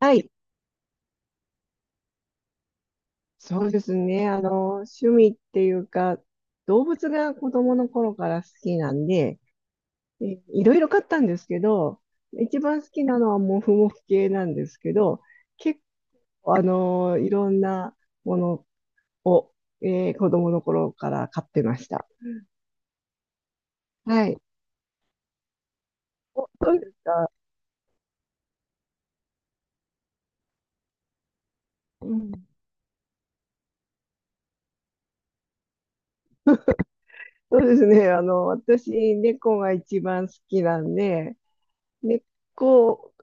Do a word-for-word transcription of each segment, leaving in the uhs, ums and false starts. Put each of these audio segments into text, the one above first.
はい、そうですね。あの、趣味っていうか、動物が子供の頃から好きなんで、えいろいろ飼ったんですけど、一番好きなのはモフモフ系なんですけど、結構、あの、いろんなものを、えー子供の頃から飼ってました。はい。お、そうですか。うん。そうですね。あの、私、猫が一番好きなんで、猫、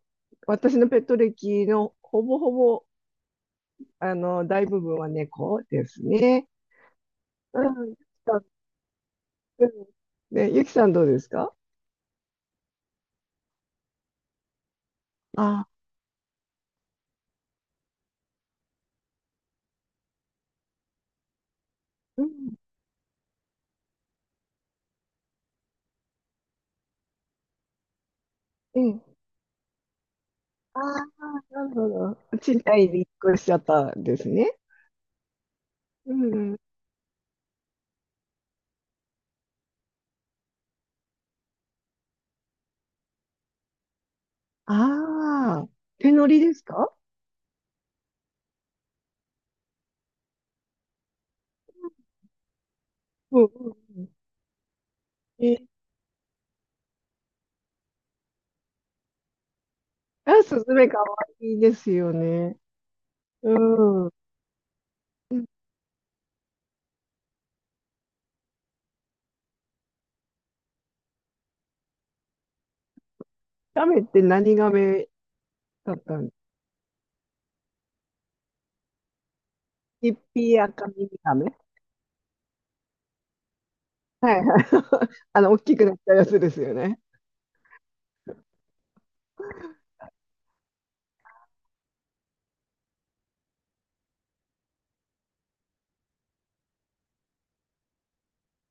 私のペット歴のほぼほぼあの、大部分は猫ですね。うん。うん。で、ゆきさんどうですか？あ、うん。ええ。ああ、なるほど。賃貸に引っ越しちゃったんですね。うんうん。ああ、手乗りですか？うんうんうん。ええ、あ、スズメかわいいですよね。うん。ガメって何ガメだったんですか？一匹赤耳ガメ。はいはい。あの、大きくなったやつですよね。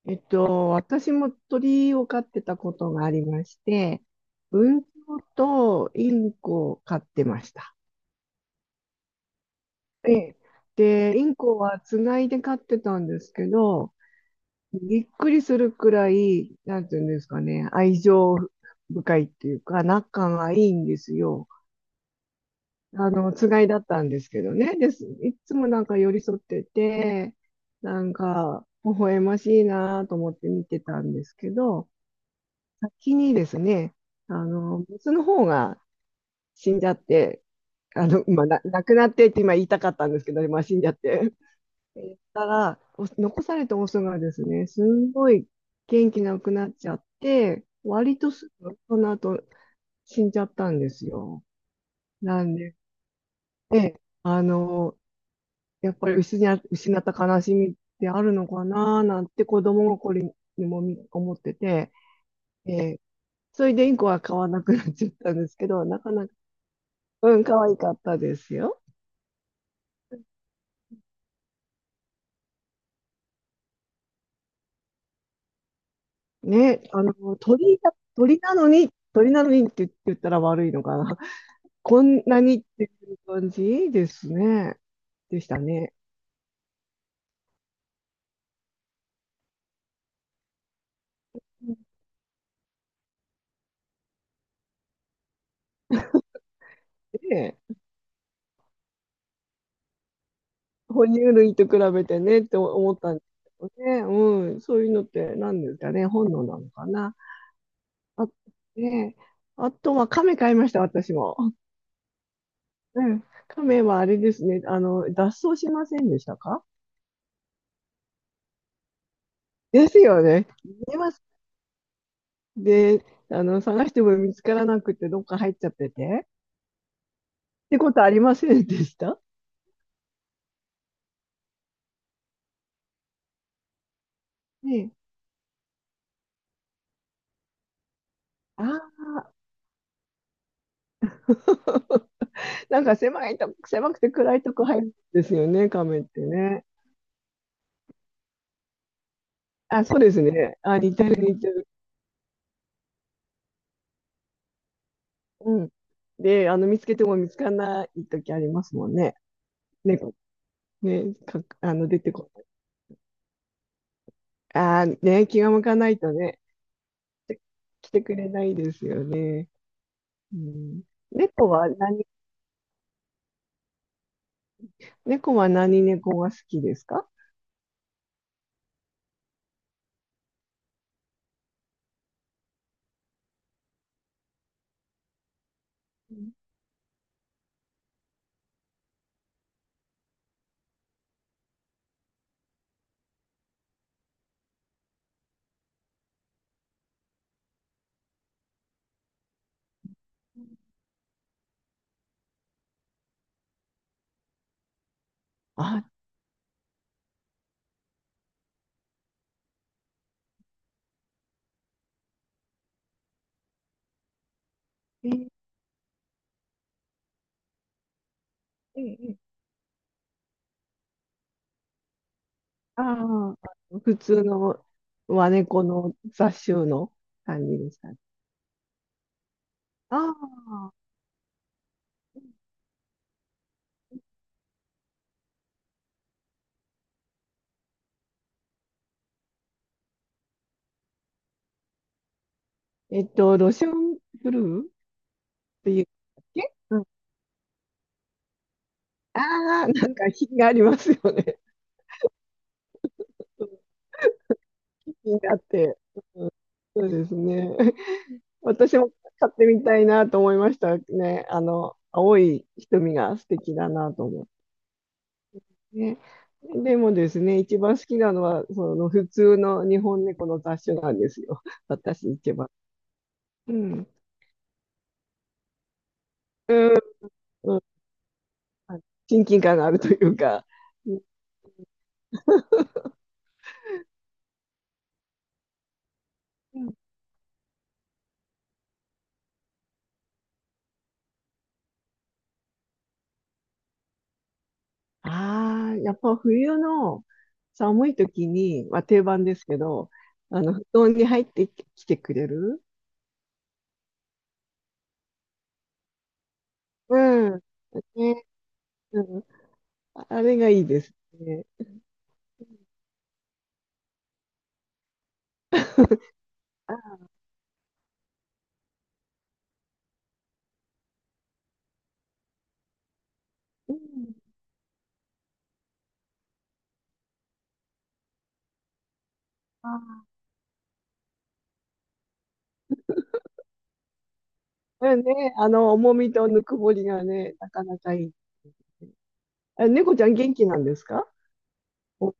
えっと、私も鳥を飼ってたことがありまして、文鳥とインコを飼ってました。ええ。で、インコはつがいで飼ってたんですけど、びっくりするくらい、なんていうんですかね、愛情深いっていうか、仲がいいんですよ。あの、つがいだったんですけどね。です。いつもなんか寄り添ってて、なんか、微笑ましいなと思って見てたんですけど、先にですね、あの、メスの方が死んじゃって、あの、まあ、な、亡くなってって今言いたかったんですけど、まあ、死んじゃって。えーたら、お残されたオスがですね、すんごい元気なくなっちゃって、割とすぐ、その後死んじゃったんですよ。なんで、であの、やっぱり失い失った悲しみってあるのかななんて子供心にもみ思ってて、えーそれでインコは飼わなくなっちゃったんですけど、なかな、うん、可愛かったですよ。ね、あの、鳥だ、鳥なのに、鳥なのにって言ったら悪いのかな。こんなにっていう感じですね。でしたね。で、哺乳類と比べてねって思ったんですけどね。うん、そういうのって何ですかね。本能なのかな。あ、ね、あとは亀買いました、私も。うん。亀はあれですね。あの、脱走しませんでしたか？ですよね。逃げまで、あの、探しても見つからなくて、どっか入っちゃってて。ってことありませんでした？ねえ。ああ、なんか狭いとこ、狭くて暗いとこ入るんですよね、亀ってね。あ、そうですね。あ、似てる似てる。うん。で、あの、見つけても見つからない時ありますもんね。猫、ね、か、あの、出てこない。ああ、ね、気が向かないとね、来てくれないですよね。うん、猫は何猫は何猫が好きですか？うん、あ、えー、えーあー、普通の和猫の雑種の感じでしたね。ああ、えっと、ロシアンブルーっていうんだっけ、うん、ああ、なんか品がありますよね。品があって。そうですね。私も買ってみたいなと思いましたね。あの、青い瞳が素敵だなと思ってね。でもですね、一番好きなのは、その普通の日本猫の雑種なんですよ。私一番。うん。うん。うん、親近感があるというか。うん、ああー、やっぱ冬の寒い時に、まあ、定番ですけど、あの、布団に入ってきてくれる。うん。ね、うん。あれがいいですね。うん。ああ、うんね、あの、重みとぬくもりがね、なかなかいい。あ、猫ちゃん元気なんですか？お、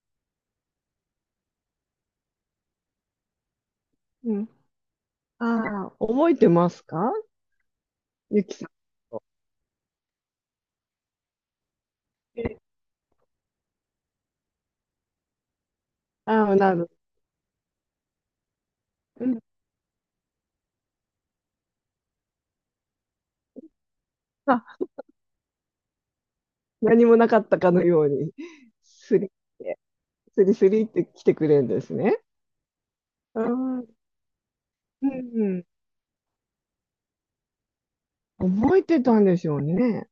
うん。ああ、覚えてますか？ゆきさんと。え、ああ、なる。うん。あ、何もなかったかのように、スリって、スリスリって来てくれるんですね。うん。うん。覚えてたんでしょうね。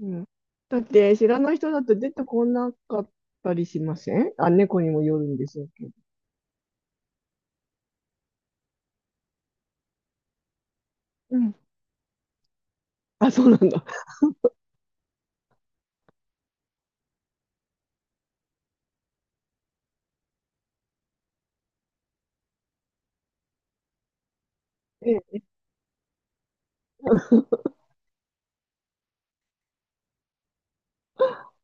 うん。だって、知らない人だと出てこなかったりしません？あ、猫にもよるんでしょうけど。うん。あ、そうなんだ。ええ。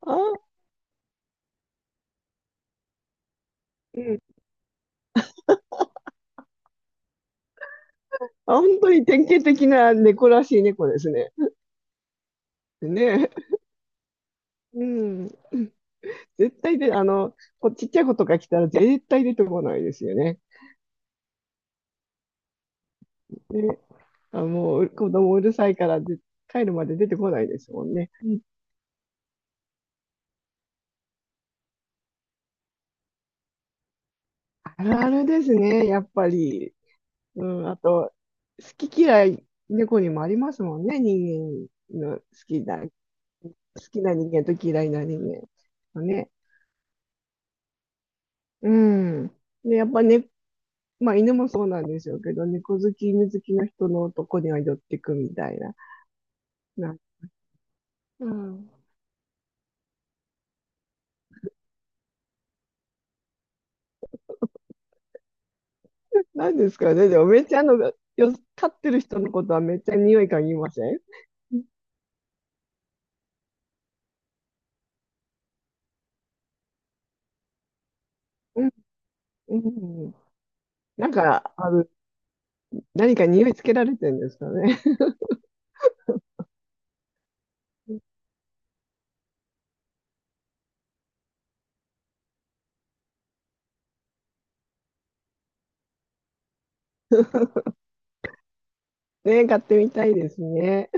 ああ、うん。あ、本当に典型的な猫らしい猫ですね。ね。うん。絶対で、あの、こちっちゃい子とか来たら絶対出てこないですよね。ね。あ、もう子供うるさいからで帰るまで出てこないですもんね。うん、あるあるですね、やっぱり。うん。あと、好き嫌い、猫にもありますもんね。人間の好きな、好きな人間と嫌いな人間。ね。うん。で、やっぱね、まあ犬もそうなんでしょうけど、猫好き、犬好きの人のとこには寄ってくみたいな。な、うん。なんですかね。でもめっちゃあの、よ、飼ってる人のことはめっちゃ匂い嗅ぎません？うん、うん。うん、なんか、あの、何か匂いつけられてるんですかね。ね、飼ってみたいですね。